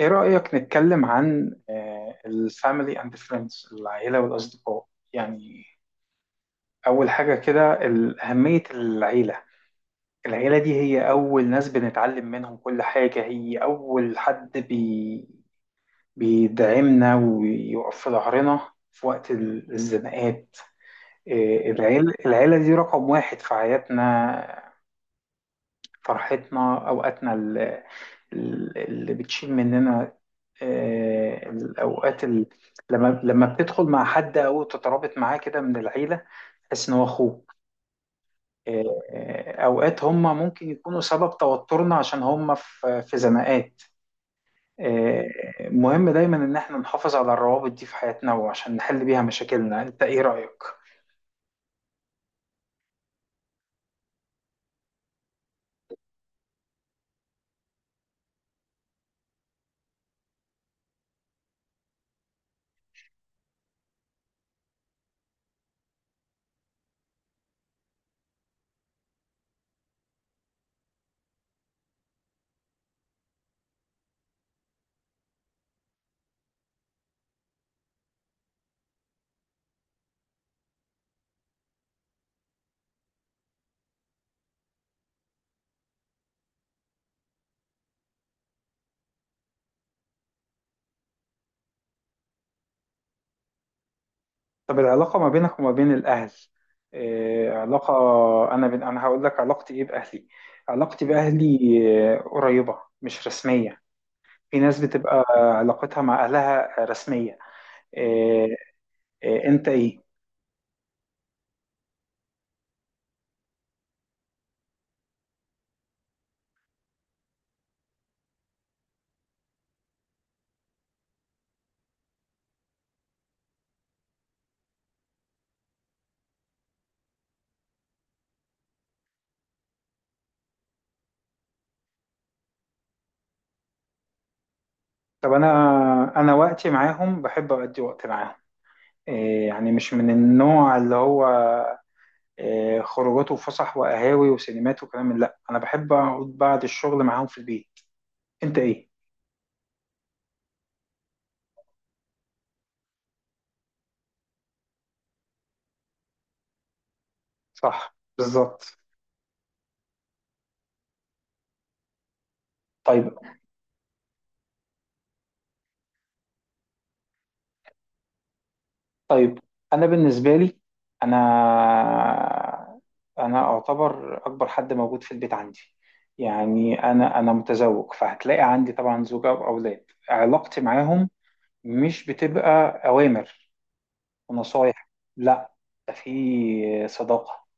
ايه رأيك نتكلم عن الفاميلي اند فريندز، العيلة والأصدقاء؟ يعني أول حاجة كده أهمية العيلة دي هي أول ناس بنتعلم منهم كل حاجة، هي أول حد بيدعمنا ويقف في ظهرنا في وقت الزنقات. إيه، العيلة دي رقم واحد في حياتنا، فرحتنا، أوقاتنا اللي بتشيل مننا. الأوقات لما بتدخل مع حد أو تترابط معاه كده من العيلة، تحس إن هو أخوك. أوقات هم ممكن يكونوا سبب توترنا عشان هم في زناقات. آه، مهم دايما إن إحنا نحافظ على الروابط دي في حياتنا وعشان نحل بيها مشاكلنا. أنت إيه رأيك؟ طب العلاقة ما بينك وما بين الأهل، إيه علاقة؟ أنا هقول لك علاقتي إيه بأهلي. علاقتي بأهلي قريبة، مش رسمية. في ناس بتبقى علاقتها مع أهلها رسمية. إيه، إيه، أنت إيه؟ طب أنا وقتي معاهم بحب أقضي وقت معاهم. إيه، يعني مش من النوع اللي هو إيه، خروجات وفسح وقهاوي وسينمات وكلام لا، أنا بحب أقعد بعد الشغل معاهم في البيت. أنت إيه؟ صح، بالظبط. طيب، طيب. انا بالنسبه لي، انا انا اعتبر اكبر حد موجود في البيت عندي. يعني انا متزوج، فهتلاقي عندي طبعا زوجه واولاد. علاقتي معاهم مش بتبقى اوامر ونصايح، لا، ده في صداقه.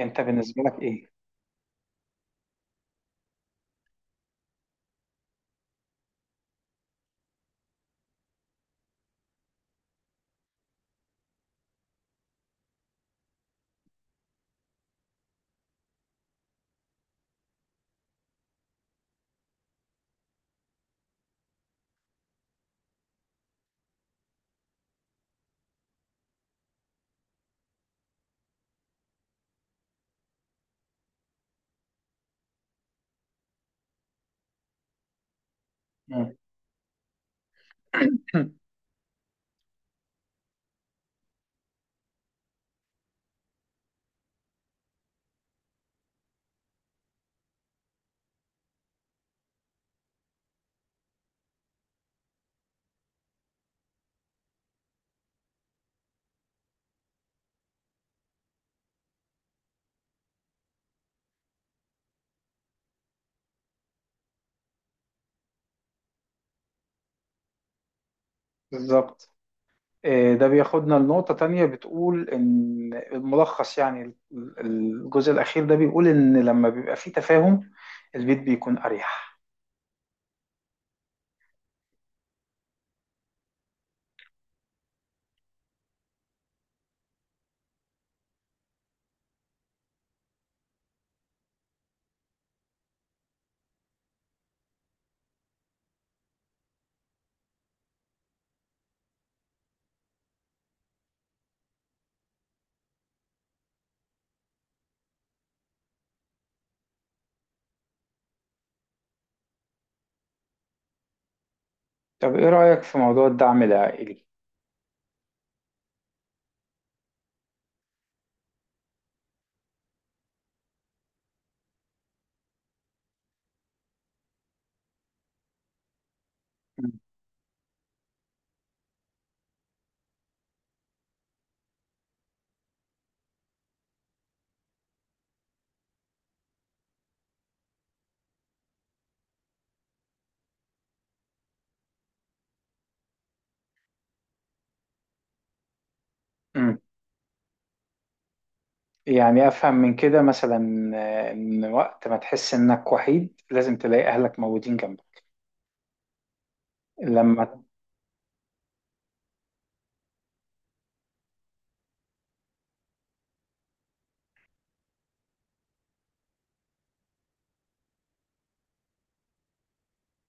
انت بالنسبه لك ايه؟ مم. بالظبط. ده بياخدنا لنقطة تانية، بتقول إن الملخص يعني الجزء الأخير ده بيقول إن لما بيبقى فيه تفاهم البيت بيكون أريح. طب إيه رأيك في موضوع الدعم العائلي؟ مم. مم. يعني أفهم من كده مثلا، إن وقت ما تحس إنك وحيد لازم تلاقي أهلك موجودين جنبك. لما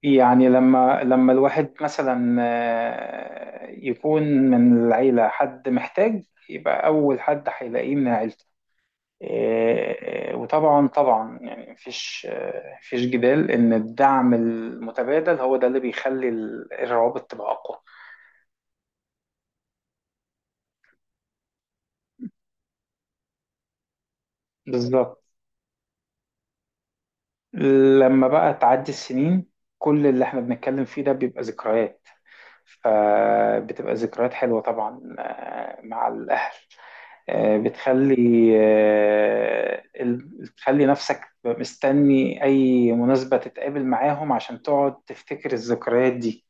يعني لما الواحد مثلا، يكون من العيلة حد محتاج، يبقى أول حد هيلاقيه من عيلته. إيه، وطبعا طبعا يعني مفيش، مفيش جدال ان الدعم المتبادل هو ده اللي بيخلي الروابط تبقى اقوى. بالظبط. لما بقى تعدي السنين، كل اللي احنا بنتكلم فيه ده بيبقى ذكريات، فبتبقى ذكريات حلوة طبعا مع الأهل. آه، بتخلي آه، ال- بتخلي نفسك مستني أي مناسبة تتقابل معاهم عشان تقعد تفتكر الذكريات دي،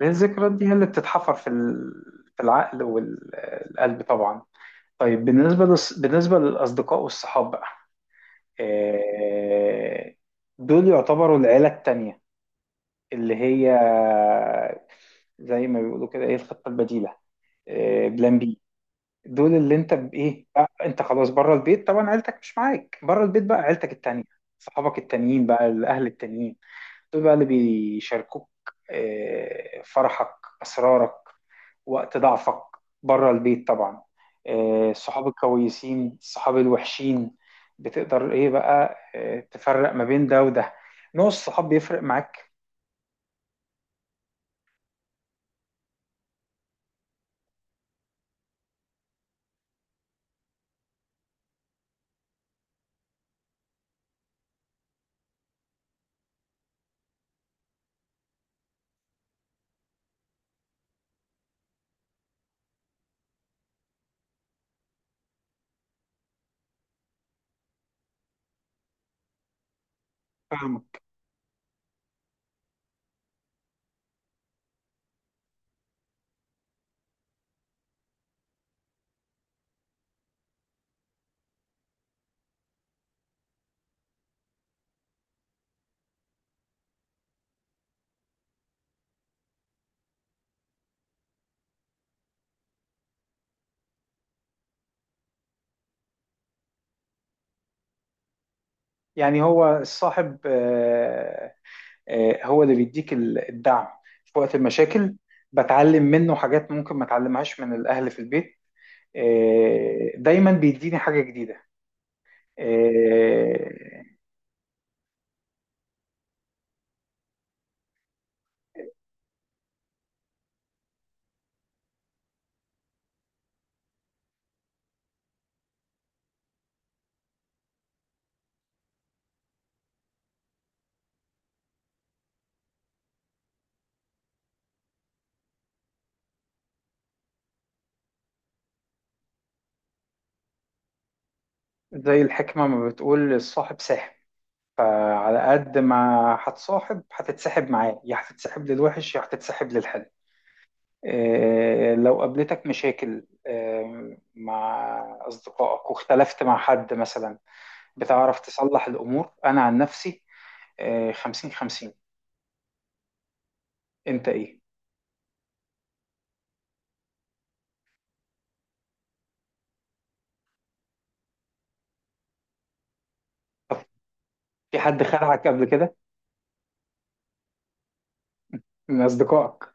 لأن الذكريات دي هي اللي بتتحفر في في العقل والقلب طبعا. طيب، بالنسبة للأصدقاء والصحاب بقى، آه، دول يعتبروا العيلة التانية، اللي هي زي ما بيقولوا كده، ايه، الخطة البديلة، بلان بي. دول اللي انت بايه بقى، انت خلاص بره البيت طبعا، عيلتك مش معاك، بره البيت بقى عيلتك التانية، صحابك التانيين بقى الاهل التانيين، دول بقى اللي بيشاركوك فرحك، اسرارك، وقت ضعفك، بره البيت طبعا. الصحاب الكويسين، الصحاب الوحشين، بتقدر ايه بقى، تفرق ما بين ده وده؟ نوع الصحاب بيفرق معاك. فاهمك. يعني هو الصاحب، هو اللي بيديك الدعم في وقت المشاكل، بتعلم منه حاجات ممكن ما اتعلمهاش من الاهل في البيت، دايما بيديني حاجة جديدة. آه، زي الحكمة ما بتقول، الصاحب ساحب، فعلى قد ما هتصاحب هتتسحب معاه، يا هتتسحب للوحش يا هتتسحب للحلو. لو قابلتك مشاكل مع أصدقائك واختلفت مع حد مثلا، بتعرف تصلح الأمور؟ أنا عن نفسي، 50/50. انت ايه؟ طب في حد خدعك قبل كده من اصدقائك؟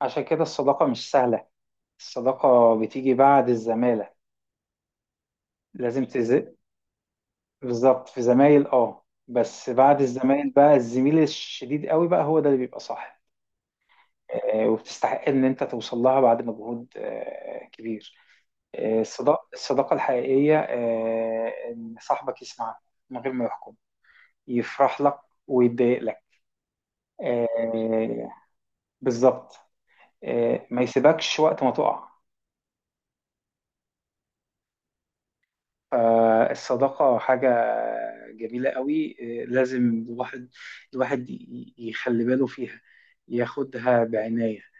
عشان كده الصداقة مش سهلة، الصداقة بتيجي بعد الزمالة. لازم تز بالظبط، في زمايل، بس بعد الزمايل بقى الزميل الشديد قوي بقى هو ده اللي بيبقى صح، وبتستحق ان انت توصل لها بعد مجهود كبير. الصداقة الحقيقية، إن صاحبك يسمعك من غير ما يحكم، يفرح لك ويتضايق لك. آه، بالظبط. ما يسيبكش وقت ما تقع. فالصداقة حاجة جميلة قوي، لازم الواحد، يخلي باله فيها، ياخدها بعناية.